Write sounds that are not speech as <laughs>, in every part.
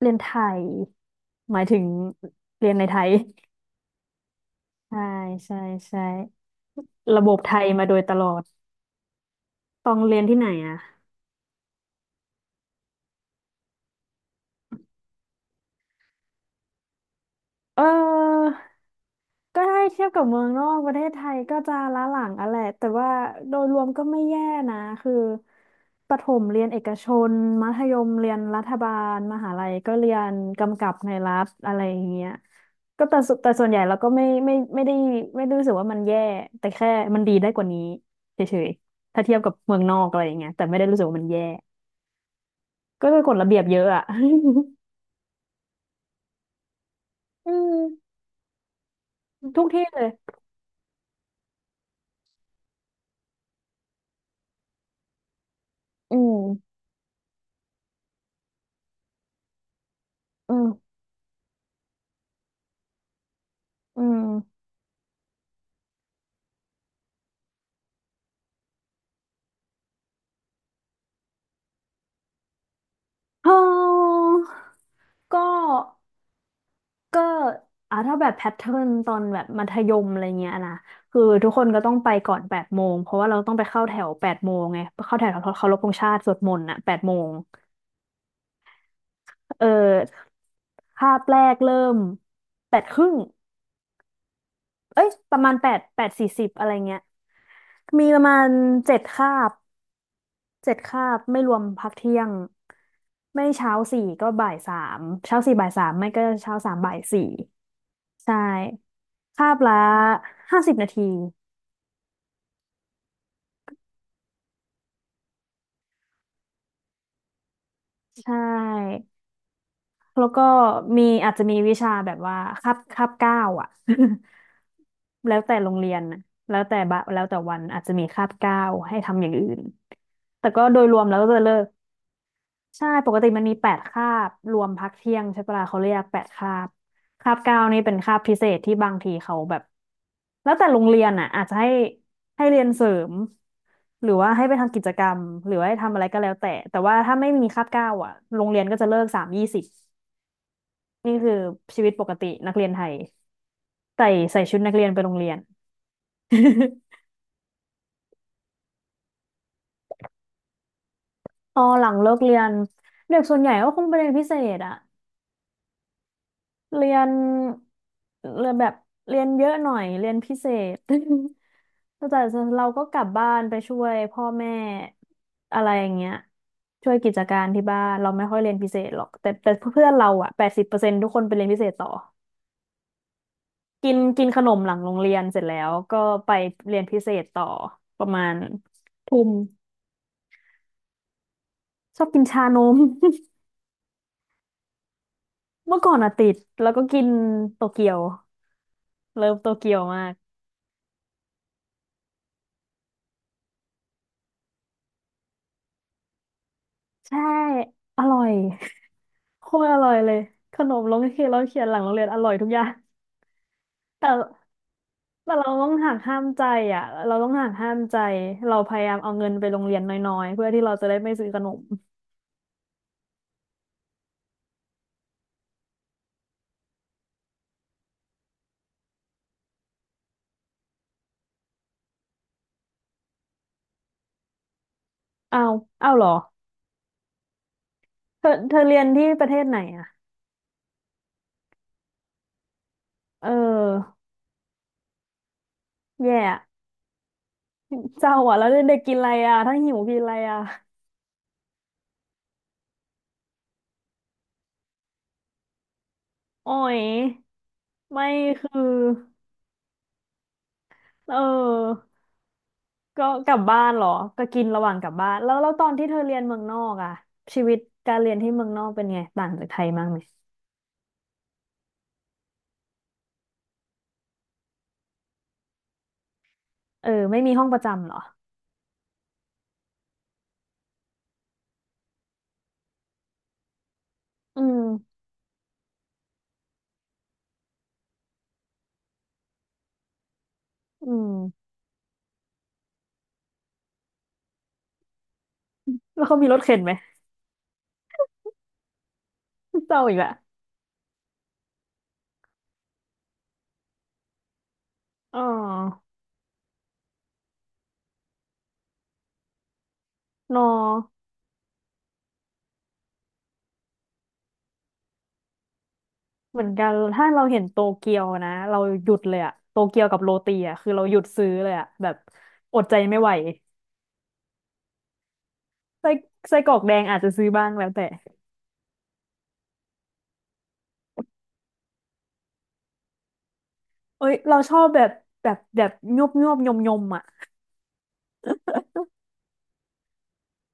เรียนไทยหมายถึงเรียนในไทย <laughs> ใช่ใช่ใช่ระบบไทยมาโดยตลอดต้องเรียนที่ไหนอ่ะเออ ก็ได้เทียบกับเมืองนอกประเทศไทยก็จะล้าหลังอะแหละแต่ว่าโดยรวมก็ไม่แย่นะคือประถมเรียนเอกชนมัธยมเรียนรัฐบาลมหาลัยก็เรียนกำกับในรัฐอะไรอย่างเงี้ยก็แต่สุแต่ส่วนใหญ่เราก็ไม่ได้รู้สึกว่ามันแย่แต่แค่มันดีได้กว่านี้เฉยๆถ้าเทียบกับเมืองนอกอะไรอย่างเงี้ยแต่ไม่ได้รู้สึกว่ามันแย่ก็คือกฎระเบียบเยอะอะ <laughs> อืม <laughs> ทุกที่เลยอืมอืมอืมออ ก็ก็อ่ะถ้าแบบแพทเทิร์นตอนแบบมัธยมอะไรเงี้ยนะคือทุกคนก็ต้องไปก่อนแปดโมงเพราะว่าเราต้องไปเข้าแถวแปดโมงไงเข้าแถวเคารพธงชาติสวดมนต์อ่ะแปดโมงเออคาบแรกเริ่ม8 ครึ่งเอ้ยประมาณ8 8 สี่สิบอะไรเงี้ยมีประมาณเจ็ดคาบ ไม่รวมพักเที่ยงไม่เช้าสี่ก็บ่ายสามเช้าสี่บ่ายสามไม่ก็เช้าสามบ่ายสี่ใช่คาบละ50 นาทีใช่แล้วก็มีอาจจะมีวิชาแบบว่าคาบเก้าอ่ะ <laughs> แล้วแต่โรงเรียนน่ะแล้วแต่วันอาจจะมีคาบเก้าให้ทำอย่างอื่นแต่ก็โดยรวมแล้วก็จะเลิก ใช่ปกติมันมีแปดคาบรวมพักเที่ยงใช่ปะล่ะเขาเรียกแปดคาบคาบเก้านี่เป็นคาบพิเศษที่บางทีเขาแบบแล้วแต่โรงเรียนอ่ะอาจจะให้ให้เรียนเสริมหรือว่าให้ไปทำกิจกรรมหรือว่าให้ทำอะไรก็แล้วแต่แต่ว่าถ้าไม่มีคาบเก้าอ่ะโรงเรียนก็จะเลิก3:20นี่คือชีวิตปกตินักเรียนไทยใส่ใส่ชุดนักเรียนไปโรงเรียน <laughs> พอหลังเลิกเรียนเด็กส่วนใหญ่ก็คงไปเรียนพิเศษอะเรียนเรียนแบบ เป็นพิเศษ <laughs> แต่เราก็กลับบ้านไปช่วยพ่อแม่อะไรอย่างเงี้ยช่วยกิจการที่บ้านเราไม่ค่อยเรียนพิเศษหรอกแต่เพื่อนเราอะ80%ทุกคนไปเรียนพิเศษต่อกินกินขนมหลังโรงเรียนเสร็จแล้วก็ไปเรียนพิเศษต่อประมาณ1 ทุ่มชอบกินชานม <laughs> เมื่อก่อนอะติดแล้วก็กินโตเกียวเลิฟโตเกียวมากใช่อร่อย <laughs> โคตรอร่อยเลยขนมโรงเรียนเราเขียนหลังโรงเรียนอร่อยทุกอย่างแต่ แต่เราต้องหักห้ามใจอ่ะเราต้องหักห้ามใจ เราพยายามเอาเงินไปโรงเรียนน้อยๆเพื่อที่เราจะได้ไม่ซื้อขนมอ้าวอ้าวเหรอเธอเรียนที่ประเทศไหนอ่ะเออแย่อะเศร้าอ่ะแล้วเด็กๆกินอะไรอ่ะถ้าหิวกินอะไรอ่ะอ๋อยไม่คือเออก็กลับบ้านเหรอก็กินระหว่างกลับบ้านแล้วตอนที่เธอเรียนเมืองนอกอ่ะชีวิตการเรียนที่เมืองนอกเป็นไงต่างจากไทยมากไหมเออไม่มีห้องประจำเหรออืมอืมแล้วเขามีรถเข็นไหม เศร้าอีกละอ๋อนอเหมือนกัน ถ้าเราเห็นโตเกียวนะ เราหยุดเลยอะโตเกียวกับโรตีอะคือเราหยุดซื้อเลยอะแบบ อดใจไม่ไหวไส้ไส้กรอกแดงอาจจะซื้อบ้างแล้วแต่เอ้ยเราชอบแบบแบบยุบยุบยมยมๆอะ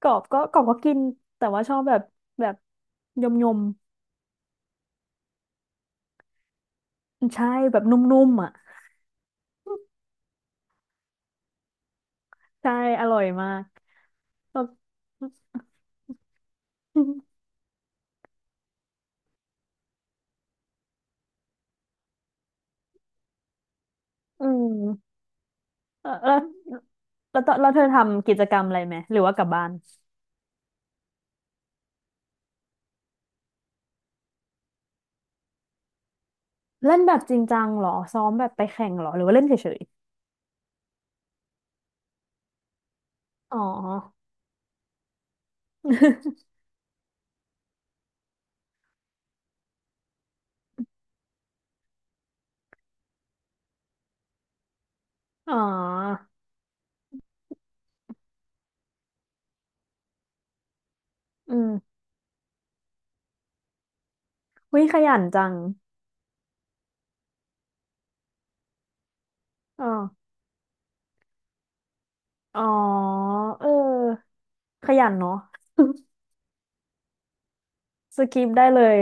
กรอบก็กรอบก็กินแต่ว่าชอบแบบยมยมใช่แบบนุ่มๆอะใช่อร่อยมากแล้ว <laughs> อืมเออแล้วเธอทำกิจกรรมอะไรไหมหรือว่ากลับบ้าน เล่นแบบจริงจังเหรอซ้อมแบบไปแข่งเหรอหรือว่าเล่นเฉยๆอ๋อ <laughs> อ๋ออืมวิขยันจังอ๋ออ๋อเออขยันเนาะสกิปได้เลย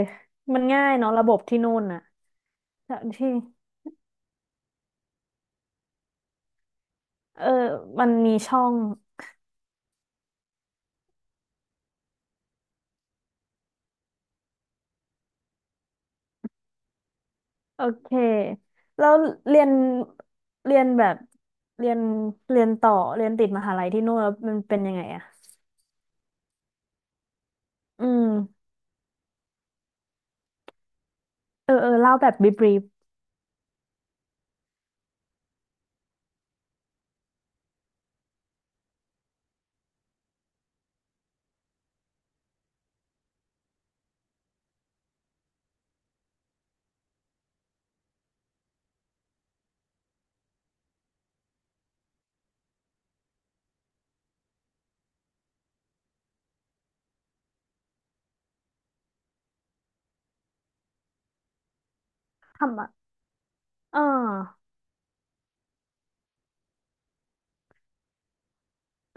มันง่ายเนาะระบบที่นู่นน่ะแตที่เออมันมีช่องโอเคแล้วเรียนเรียนแบบเรียนเรียนต่อเรียนติดมหาลัยที่นู่นแล้วมันเป็นยังไงอะอืมเออเออเล่าแบบบีบรีฟทำอะอ่า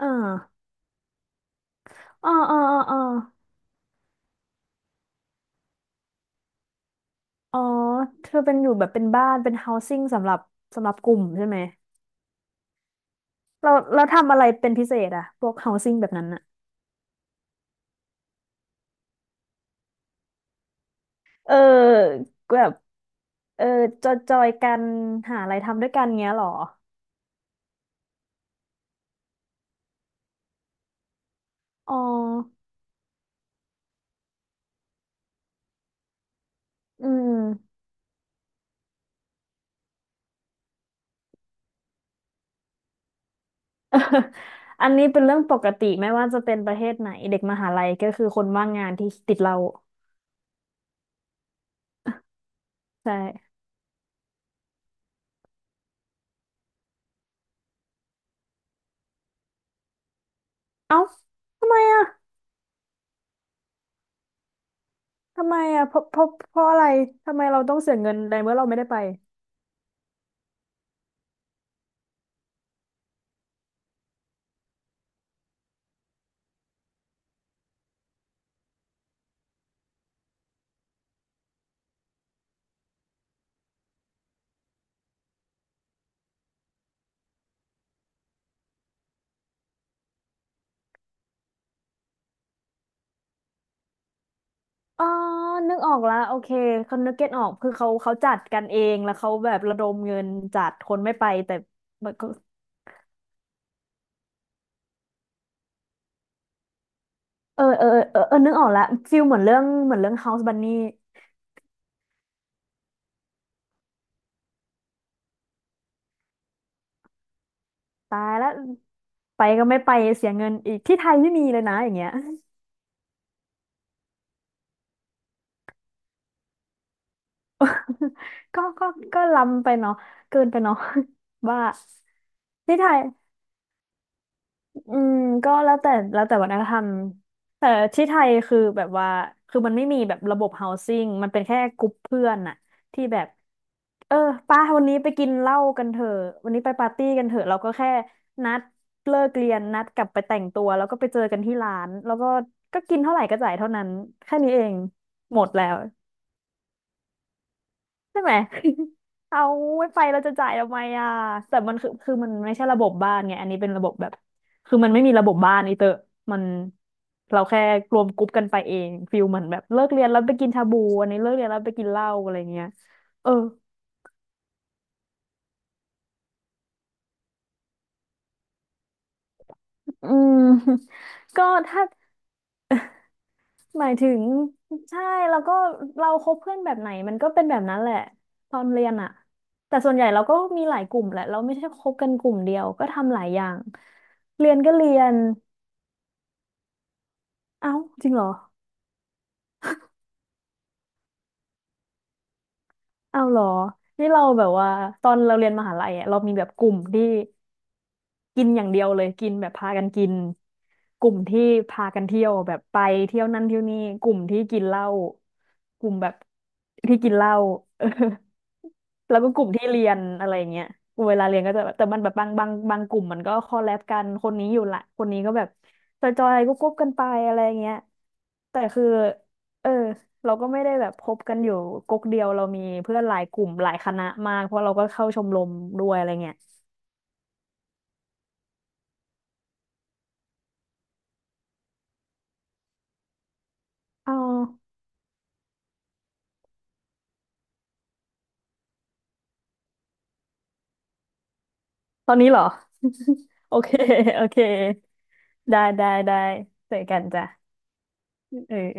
อ่า อ๋ออ๋ออ๋ออ๋อเธอเป็นอยู่แบบเป็นบ้านเป็น housing สำหรับสำหรับกลุ่มใช่ไหมเราทำอะไรเป็นพิเศษอะพวก housing แบบนั้นอะเออแบบ เออจอยจอยกันหาอะไรทำด้วยกันเงี้ยเหรออ๋ออืม <laughs> อันนี้เป็นเรื่องปกติไม่ว่าจะเป็นประเทศไหนเด็กมหาลัยก็คือคนว่างงานที่ติดเราใช่เอ้าทำไมอะทำไมอะเพราะอะไรทำไมเราต้องเสียเงินในเมื่อเราไม่ได้ไป อ๋อนึกออกแล้ว โอเคคนนึกเก็ตออกคือเขาจัดกันเอง แล้วเขาแบบระดมเงินจัดคนไม่ไปแต่มันก็เออเออเออเออ นึกออกแล้วฟิลเหมือนเรื่องเหมือนเรื่อง House Bunny ตายแล้วไปก็ไม่ไปเสียเงินอีก ที่ไทยไม่มีเลยนะอย่างเงี้ย <laughs> ก็ก็ก็ล้ำไปเนาะเกินไปเนาะ <laughs> ว่าที่ไทย อืมก็แล้วแต่วัฒนธรรมแต่ที่ไทยคือแบบว่ามันไม่มีแบบระบบ housing มันเป็นแค่กลุ่มเพื่อนน่ะที่แบบเออป้าวันนี้ไปกินเหล้ากันเถอะวันนี้ไปปาร์ตี้กันเถอะเราก็แค่นัดเลิกเรียนนัดกลับไปแต่งตัวแล้วก็ไปเจอกันที่ร้านแล้วก็ก็กินเท่าไหร่ก็จ่ายเท่านั้นแค่นี้เองหมดแล้วใช่ไหม เอาไม่ไปเราจะจ่ายทำไมอ่ะแต่มันคือมันไม่ใช่ระบบบ้านไง อันนี้เป็นระบบแบบคือมันไม่มีระบบบ้านอีเตอ มันเราแค่รวมกรุ๊ปกันไปเองฟิลเหมือนแบบเลิกเรียนแล้วไปกินชาบูอันนี้เลิกเรียนแล้วไปกินเหล้าอะไรเงี้ยเอออืม <laughs> ก็ถ้าหมายถึงใช่แล้วก็เราคบเพื่อนแบบไหนมันก็เป็นแบบนั้นแหละตอนเรียนอ่ะแต่ส่วนใหญ่เราก็มีหลายกลุ่มแหละเราไม่ใช่คบกันกลุ่มเดียวก็ทำหลายอย่างเรียนก็เรียนเอ้าจริงเหรอ อ้าวเหรอนี่เราแบบว่าตอนเราเรียนมหาลัยอะเรามีแบบกลุ่มที่ กินอย่างเดียวเลยกินแบบพากันกินกลุ่มที่พากันเที่ยวแบบไปเที่ยวนั่นเที่ยวนี่กลุ่มที่กินเหล้ากลุ่มแบบที่กินเหล้า <laughs> เออแล้วก็กลุ่มที่เรียนอะไรอย่างเงี้ยเวลาเรียนก็จะแบบแต่มันแบบบางกลุ่มมันก็คอลแลบกันคนนี้อยู่ละคนนี้ก็แบบจอยๆก็กบกันไปอะไรอย่างเงี้ยแต่คือเออเราก็ไม่ได้แบบคบกันอยู่ก๊กเดียวเรามีเพื่อนหลายกลุ่มหลายคณะมากเพราะเราก็เข้าชมรมด้วยอะไรเงี้ยอ๋อา ตอนนี้เหรอ <laughs> โอเคโอเคได้ได้ได้เจอกันจ้ะเออ